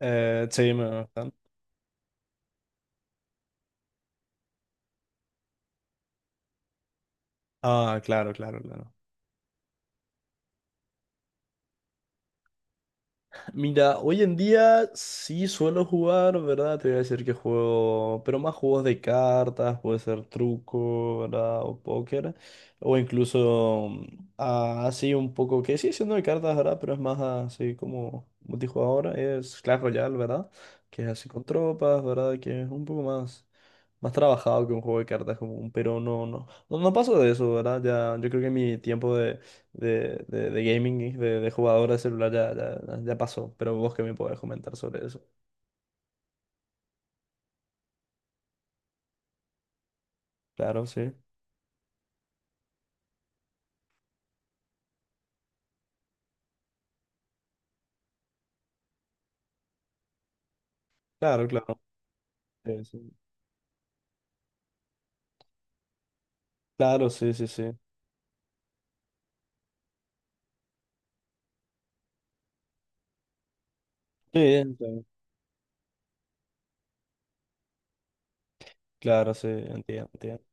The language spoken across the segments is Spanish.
Sí, me gustan. Ah, claro, claro, claro. Mira, hoy en día sí suelo jugar, ¿verdad? Te voy a decir que juego, pero más juegos de cartas, puede ser truco, ¿verdad? O póker, o incluso así un poco, que sigue siendo de cartas, ¿verdad? Pero es más así como multijugador, es Clash Royale, ¿verdad? Que es así con tropas, ¿verdad? Que es un poco más. Más trabajado que un juego de cartas común, pero no paso de eso, ¿verdad? Ya, yo creo que mi tiempo de gaming, y de jugador de celular ya, ya, ya pasó, pero vos que me podés comentar sobre eso. Claro, sí. Claro, claro. Sí, sí. Claro, sí, sí, sí. Sí, entiendo. Claro, sí, entiendo, entiendo.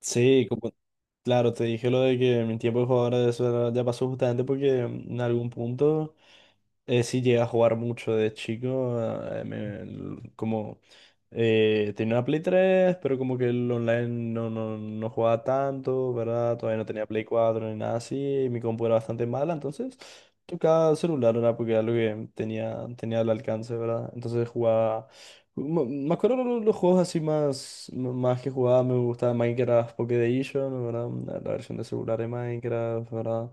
Sí, como, claro, te dije lo de que mi tiempo de jugador de celular ya pasó justamente porque en algún punto... Sí, llegué a jugar mucho de chico. Como tenía una Play 3, pero como que el online no jugaba tanto, ¿verdad? Todavía no tenía Play 4 ni nada así. Y mi compu era bastante mala, entonces tocaba celular, ¿verdad? Porque era lo que tenía, tenía al alcance, ¿verdad? Entonces jugaba. Me acuerdo los juegos así más, más que jugaba, me gustaba Minecraft Pocket Edition, ¿verdad? La versión de celular de Minecraft, ¿verdad?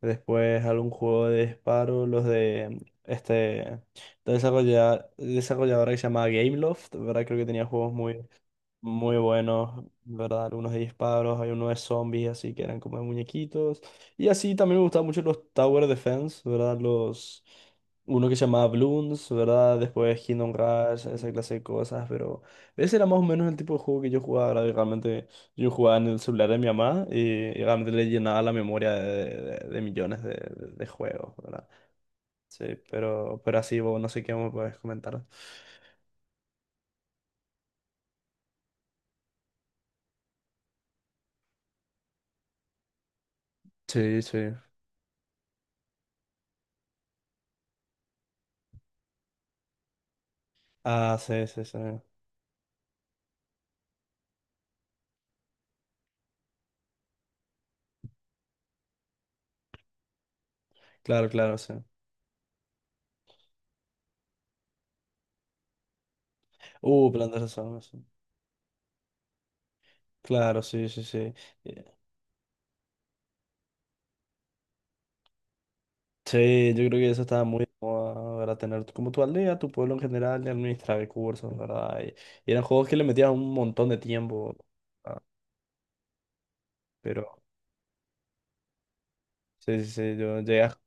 Después algún juego de disparo, los de este de desarrolladora que se llama Gameloft, ¿verdad? Creo que tenía juegos muy buenos, ¿verdad? Algunos de disparos, hay uno de zombies, así que eran como de muñequitos. Y así también me gustaban mucho los Tower Defense, ¿verdad? Los... Uno que se llamaba Bloons, ¿verdad? Después Kingdom Rush, esa clase de cosas, pero ese era más o menos el tipo de juego que yo jugaba, ¿verdad? Y realmente yo jugaba en el celular de mi mamá y realmente le llenaba la memoria de millones de juegos, ¿verdad? Sí, pero así, vos no sé qué me puedes comentar. Sí, sí. Ah, sí, sí, sí. Claro, claro, sí. Plantas de salmas. Claro, sí, sí, sí. Eh, sí, yo creo que eso estaba muy de moda, ¿verdad? Tener tu- como tu aldea, tu pueblo en general, y administrar recursos, ¿verdad? Y eran juegos que le metías un montón de tiempo. ¿Verdad? Pero, sí, sí, sí, yo llegué a...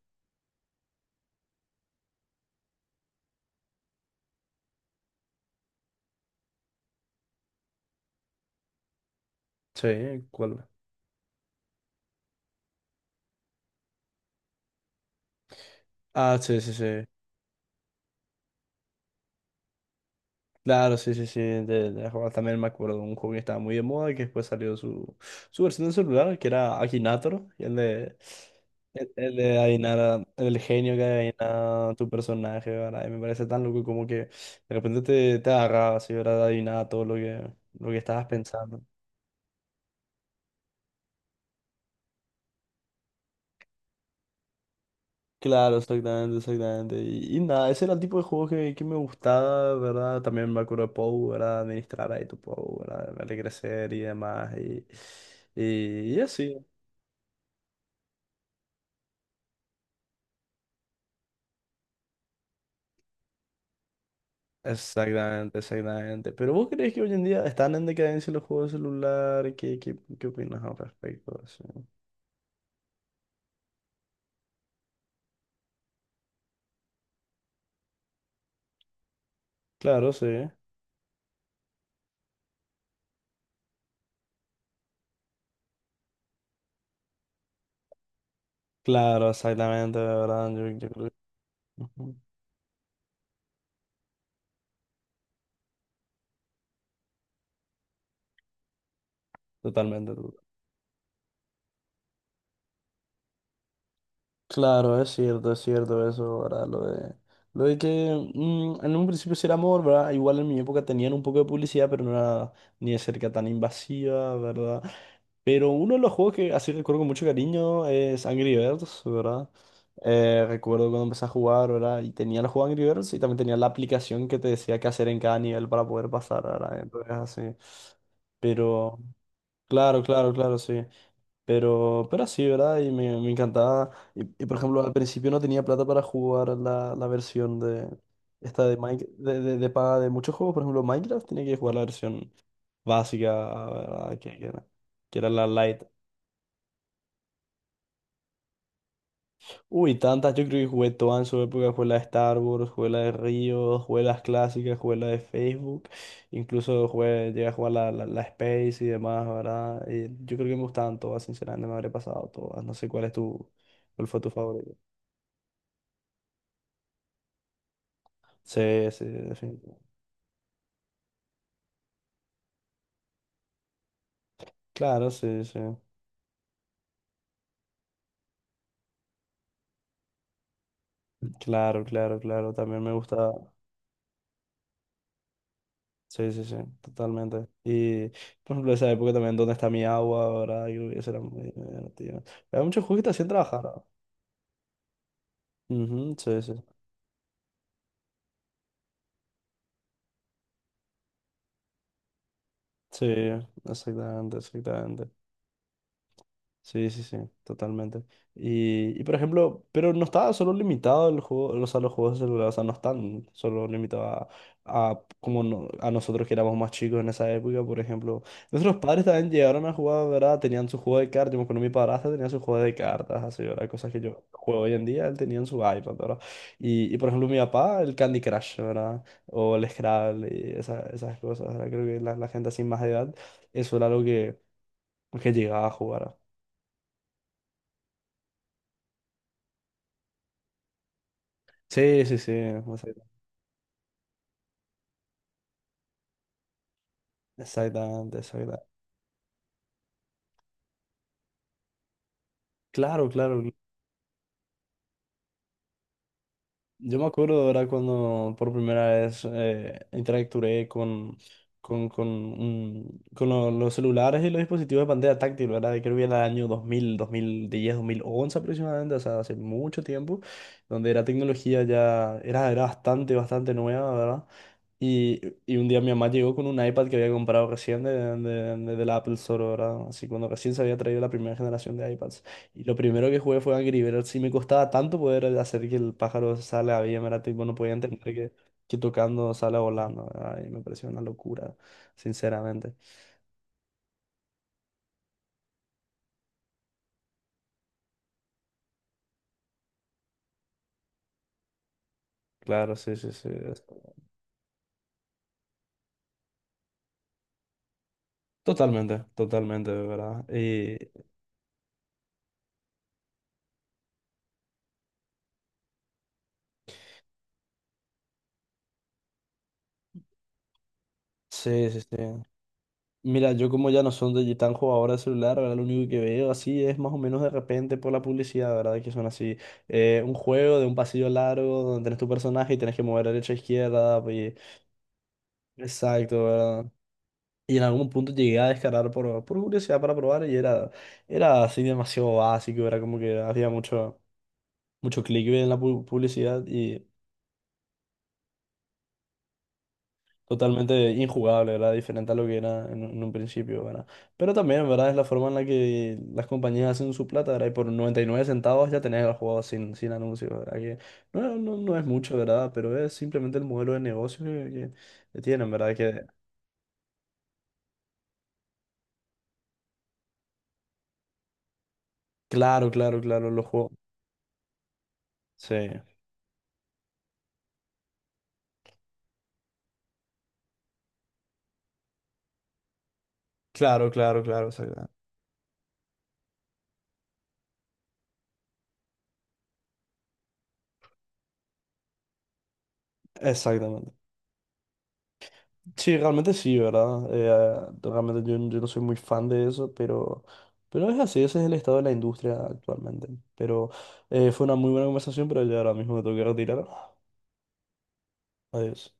Sí, ¿cuál? Ah, sí, sí, sí. Claro, sí, sí, sí, de jugar también me acuerdo de un juego que estaba muy de moda y que después salió su, su versión de celular, que era Akinator, y el de, el de adivinar, el genio que adivina tu personaje, ¿verdad? Y me parece tan loco como que de repente te, te agarraba así, ¿verdad? Adivinaba todo lo que estabas pensando. Claro, exactamente, exactamente. Y nada, ese era el tipo de juego que me gustaba, ¿verdad? También me acuerdo de Pou, ¿verdad? Administrar ahí tu Pou, ¿verdad? Verle crecer y demás. Y así. Exactamente, exactamente. ¿Pero vos crees que hoy en día están en decadencia los juegos de celular? ¿Qué, qué, qué opinas al respecto de eso? Claro, sí. Claro, exactamente, de ¿verdad? Yo creo que... Ujú. Totalmente. To- Claro, es cierto eso, ¿verdad? Lo de que en un principio sí era amor, ¿verdad? Igual en mi época tenían un poco de publicidad, pero no era ni de cerca tan invasiva, ¿verdad? Pero uno de los juegos que así recuerdo con mucho cariño es Angry Birds, ¿verdad? Recuerdo cuando empecé a jugar, ¿verdad? Y tenía el juego Angry Birds y también tenía la aplicación que te decía qué hacer en cada nivel para poder pasar, ¿verdad? Entonces así. Pero, claro, claro, claro, sí. Pero así, ¿verdad? Y me encantaba. Y, por ejemplo, al principio no tenía plata para jugar la versión de... Esta de, de paga de muchos juegos, por ejemplo, Minecraft, tenía que jugar la versión básica, ¿verdad? Que era, que era la light. Uy, tantas, yo creo que jugué todas en su época, jugué la de Star Wars, jugué la de Río, jugué las clásicas, jugué la de Facebook, incluso jugué, llegué a jugar la Space y demás, ¿verdad? Y yo creo que me gustaban todas, sinceramente, me habré pasado todas, no sé cuál es tu, cuál fue tu favorito. Sí, sí, definitivamente. Claro, sí, sí. Claro, claro, claro, también me gusta, sí, sí, sí, totalmente. Y, por ejemplo, esa época también, ¿dónde está mi agua, ¿verdad? Yo creo que eso era muy divertido. Había muchos juegos que te hacían trabajar, ¿no? Ujú, sí, sí. Sí. Sí, exactamente, exactamente. Sí, sí, sí, totalmente. Y por ejemplo, pero no está solo limitado el juego, los sea, los juegos de celular, o sea, no están solo limitados a como no- a nosotros que éramos más chicos en esa época, por ejemplo. Nuestros padres también llegaron a jugar, ¿verdad? Tenían su juego de cartas, yo me acuerdo mi padrastro tenía su juego de cartas, así, ¿verdad? Cosas que yo juego hoy en día, él tenía en su iPad, ¿verdad? Y por ejemplo, mi papá, el Candy Crush, ¿verdad? O el Scrabble, y esas cosas, ¿verdad? Creo que la gente así más de edad, eso era algo que llegaba a jugar. Sí, sí, sí, exactamente, exactamente. Claro, claro. Yo me acuerdo ahora cuando por primera vez interactué con los celulares y los dispositivos de pantalla táctil, ¿verdad? Creo que era el año 2000, 2010, 2011 aproximadamente, o sea, hace mucho tiempo, donde la tecnología ya era, era bastante, bastante nueva, ¿verdad? Y, y un día mi mamá llegó con un iPad que había comprado recién del Apple Store, ¿verdad? Así cuando recién se había traído la primera generación de iPads. Y lo primero que jugué fue Angry Birds y me costaba tanto poder hacer que el pájaro salga bien, ¿verdad? Tipo, no podía entender que tocando sale volando, ¿verdad? Y me pareció una locura, sinceramente. Claro, sí, sí, sí. Es- totalmente, totalmente, ¿verdad? Y sí, sí, sí. Mira, yo como ya no son de tan jugador de celular, ¿verdad? Lo único que veo así es más o menos de repente por la publicidad, ¿verdad? Que son así, un juego de un pasillo largo donde tenés tu personaje y tenés que mover derecha a izquierda, pues, exacto, ¿verdad? Y en algún punto llegué a descargar por curiosidad para probar y era, era así demasiado básico, era como que había mucho, mucho clickbait en la publicidad y totalmente injugable, ¿verdad? Diferente a lo que era en un principio, ¿verdad? Pero también, ¿verdad? Es la forma en la que las compañías hacen su plata, ¿verdad? Y por 99 centavos ya tenés el juego sin, sin anuncios, ¿verdad? Que no es mucho, ¿verdad? Pero es simplemente el modelo de negocio que, que tienen, ¿verdad? Que, claro, claro, claro, los juegos. Sí, claro, claro, claro, exactamente. Sí, realmente sí, ¿verdad? Realmente yo, yo no soy muy fan de eso, pero es así, ese es el estado de la industria actualmente. Pero fue una muy buena conversación, pero ya ahora mismo me tengo que retirar. Adiós.